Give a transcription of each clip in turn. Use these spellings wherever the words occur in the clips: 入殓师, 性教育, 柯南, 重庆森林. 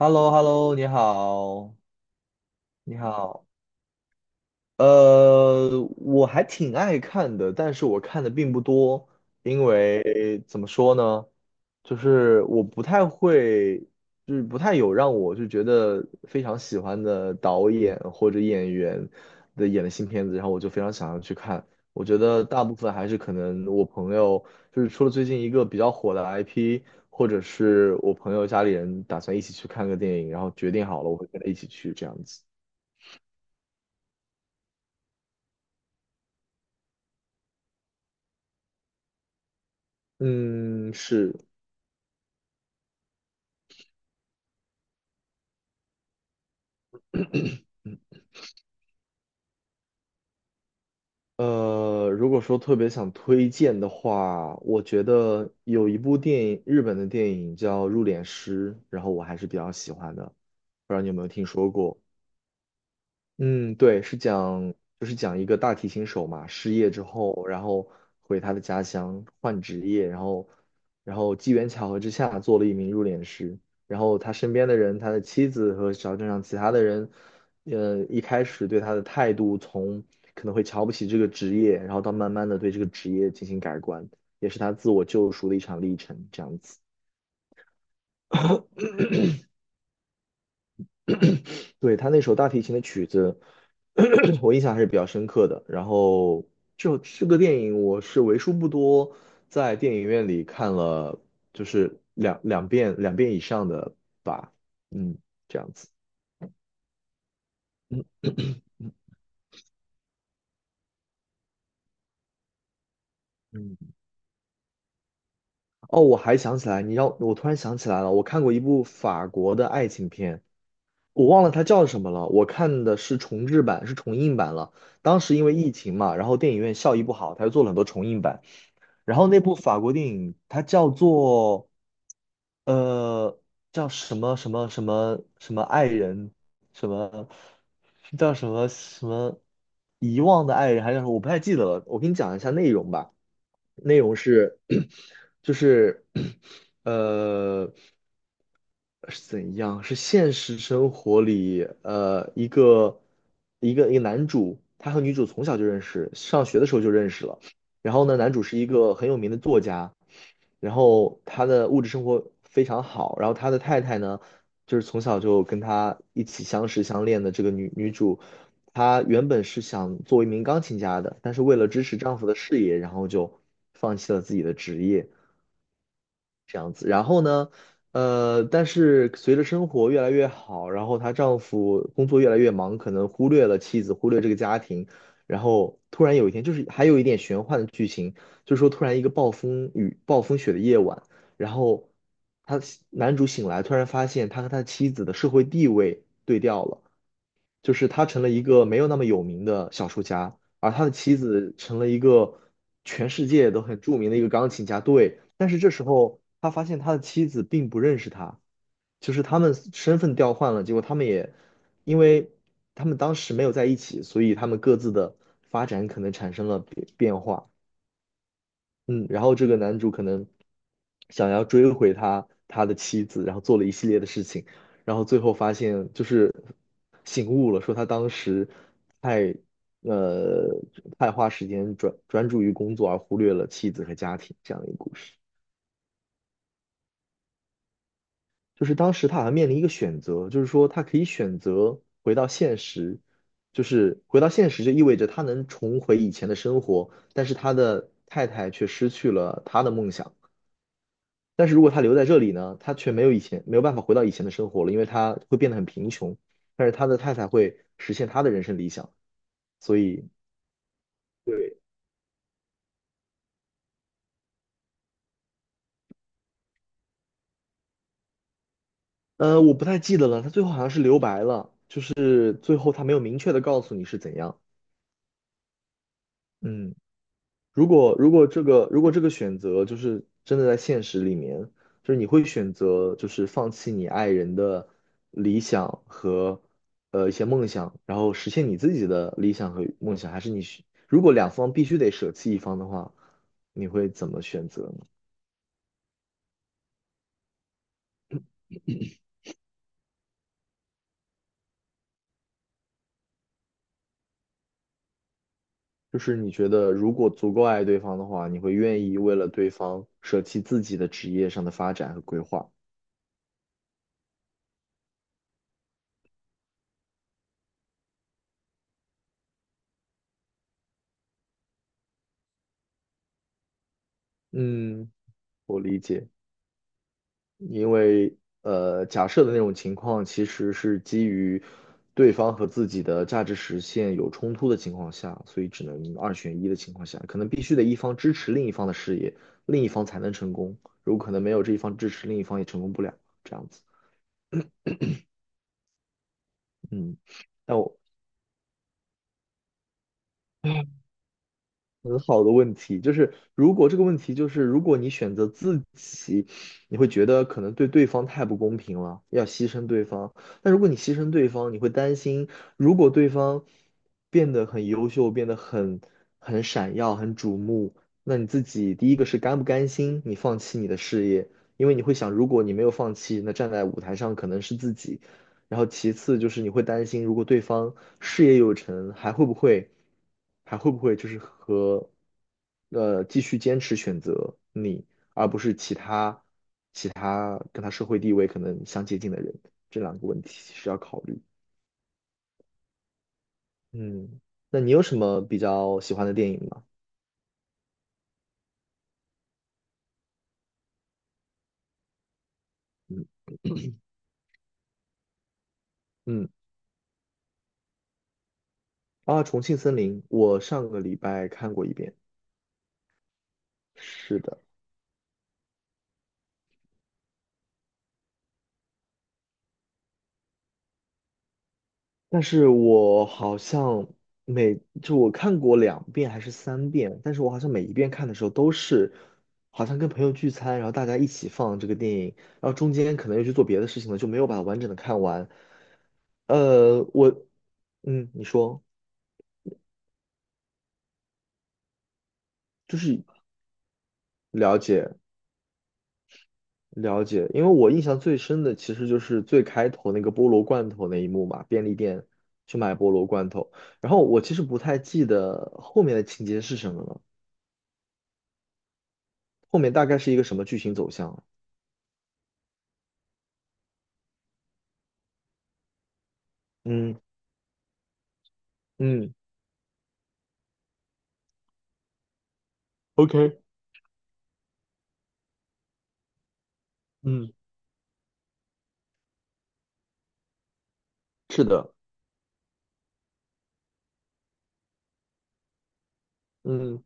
h e l l o h e l l o 你好，你好，呃，我还挺爱看的，但是我看的并不多，因为怎么说呢，就是我不太会，就是不太有让我就觉得非常喜欢的导演或者演员的演的新片子，然后我就非常想要去看。我觉得大部分还是可能我朋友，就是除了最近一个比较火的 IP，或者是我朋友家里人打算一起去看个电影，然后决定好了我会跟他一起去这样子。嗯，是。如果说特别想推荐的话，我觉得有一部电影，日本的电影叫《入殓师》，然后我还是比较喜欢的，不知道你有没有听说过？嗯，对，是讲就是讲一个大提琴手嘛，失业之后，然后回他的家乡换职业，然后机缘巧合之下做了一名入殓师，然后他身边的人，他的妻子和小镇上其他的人，一开始对他的态度从可能会瞧不起这个职业，然后到慢慢的对这个职业进行改观，也是他自我救赎的一场历程，这样子。对，他那首大提琴的曲子，我印象还是比较深刻的。然后就这个电影，我是为数不多在电影院里看了，就是两遍两遍以上的吧。嗯，这样子。嗯，哦，我还想起来，你让我突然想起来了，我看过一部法国的爱情片，我忘了它叫什么了。我看的是重制版，是重映版了。当时因为疫情嘛，然后电影院效益不好，他又做了很多重映版。然后那部法国电影它叫做呃叫什么什么什么什么爱人，什么叫什么什么遗忘的爱人，还是什么我不太记得了。我给你讲一下内容吧。内容是 就是呃是怎样？是现实生活里一个男主，他和女主从小就认识，上学的时候就认识了。然后呢，男主是一个很有名的作家，然后他的物质生活非常好，然后他的太太呢，就是从小就跟他一起相识相恋的这个女主，她原本是想做一名钢琴家的，但是为了支持丈夫的事业，然后就放弃了自己的职业。这样子。然后呢，但是随着生活越来越好，然后她丈夫工作越来越忙，可能忽略了妻子，忽略这个家庭。然后突然有一天，就是还有一点玄幻的剧情，就是说突然一个暴风雨、暴风雪的夜晚，然后他男主醒来，突然发现他和他妻子的社会地位对调了。就是他成了一个没有那么有名的小说家，而他的妻子成了一个全世界都很著名的一个钢琴家。对，但是这时候他发现他的妻子并不认识他，就是他们身份调换了，结果他们也因为他们当时没有在一起，所以他们各自的发展可能产生了变化。嗯，然后这个男主可能想要追回他的妻子，然后做了一系列的事情，然后最后发现就是醒悟了，说他当时太呃太花时间专注于工作，而忽略了妻子和家庭这样的一个故事。就是当时他好像面临一个选择，就是说他可以选择回到现实，就是回到现实就意味着他能重回以前的生活，但是他的太太却失去了他的梦想。但是如果他留在这里呢，他却没有办法回到以前的生活了，因为他会变得很贫穷。但是他的太太会实现他的人生理想，所以对，我不太记得了，他最后好像是留白了，就是最后他没有明确的告诉你是怎样。嗯。如果这个选择就是真的在现实里面，就是你会选择就是放弃你爱人的理想和一些梦想，然后实现你自己的理想和梦想，还是如果两方必须得舍弃一方的话，你会怎么选择呢？就是你觉得如果足够爱对方的话，你会愿意为了对方舍弃自己的职业上的发展和规划？嗯，我理解。因为假设的那种情况其实是基于对方和自己的价值实现有冲突的情况下，所以只能二选一的情况下，可能必须得一方支持另一方的事业，另一方才能成功。如果可能没有这一方支持，另一方也成功不了，这样子。嗯，但我。很好的问题，就是如果这个问题就是，如果你选择自己，你会觉得可能对对方太不公平了，要牺牲对方。但如果你牺牲对方，你会担心，如果对方变得很优秀，变得很闪耀、很瞩目，那你自己第一个是甘不甘心你放弃你的事业？因为你会想，如果你没有放弃，那站在舞台上可能是自己；然后其次就是你会担心，如果对方事业有成，还会不会，就是和，继续坚持选择你，而不是其他跟他社会地位可能相接近的人，这两个问题是要考虑。嗯，那你有什么比较喜欢的电影吗？嗯嗯，啊，《重庆森林》，我上个礼拜看过一遍。是的。但是我好像就我看过两遍还是三遍，但是我好像每一遍看的时候都是，好像跟朋友聚餐，然后大家一起放这个电影，然后中间可能又去做别的事情了，就没有把它完整的看完。呃，我，嗯，你说，就是了解了解，因为我印象最深的其实就是最开头那个菠萝罐头那一幕嘛，便利店去买菠萝罐头，然后我其实不太记得后面的情节是什么了。后面大概是一个什么剧情走向？嗯嗯，OK，嗯，是的，嗯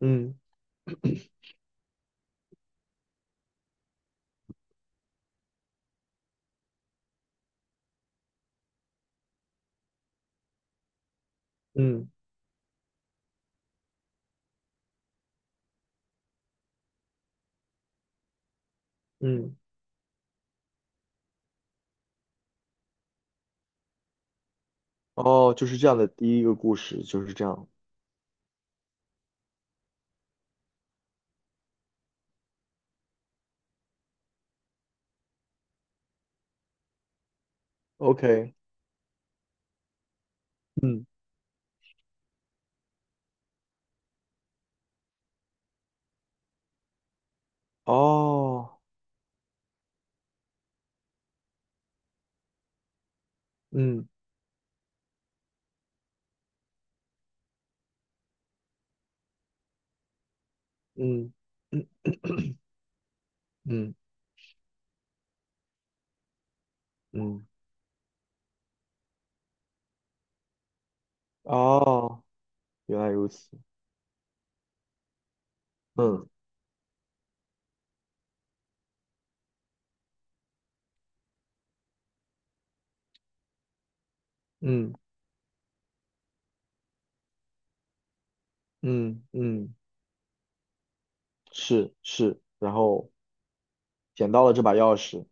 嗯嗯嗯，哦，就是这样的第一个故事就是这样，OK，嗯，哦，嗯嗯嗯嗯嗯，哦，原来如此，嗯嗯嗯嗯，是是，然后捡到了这把钥匙，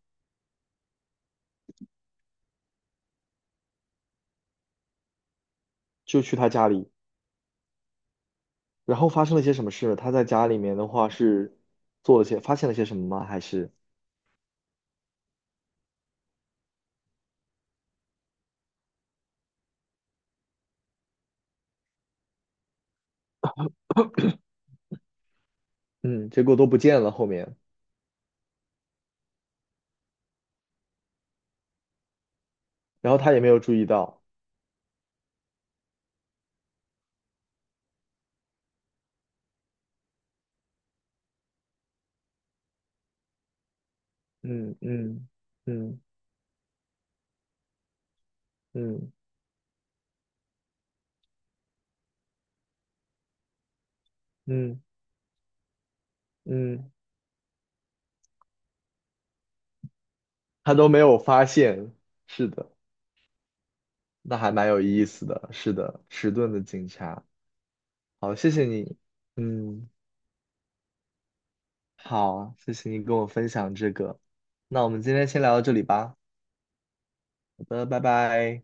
就去他家里，然后发生了些什么事？他在家里面的话是做了些，发现了些什么吗？还是？嗯，结果都不见了后面，然后他也没有注意到，嗯嗯嗯嗯嗯嗯，他都没有发现，是的，那还蛮有意思的，是的，迟钝的警察，好，谢谢你，嗯，好，谢谢你跟我分享这个，那我们今天先聊到这里吧，好的，拜拜。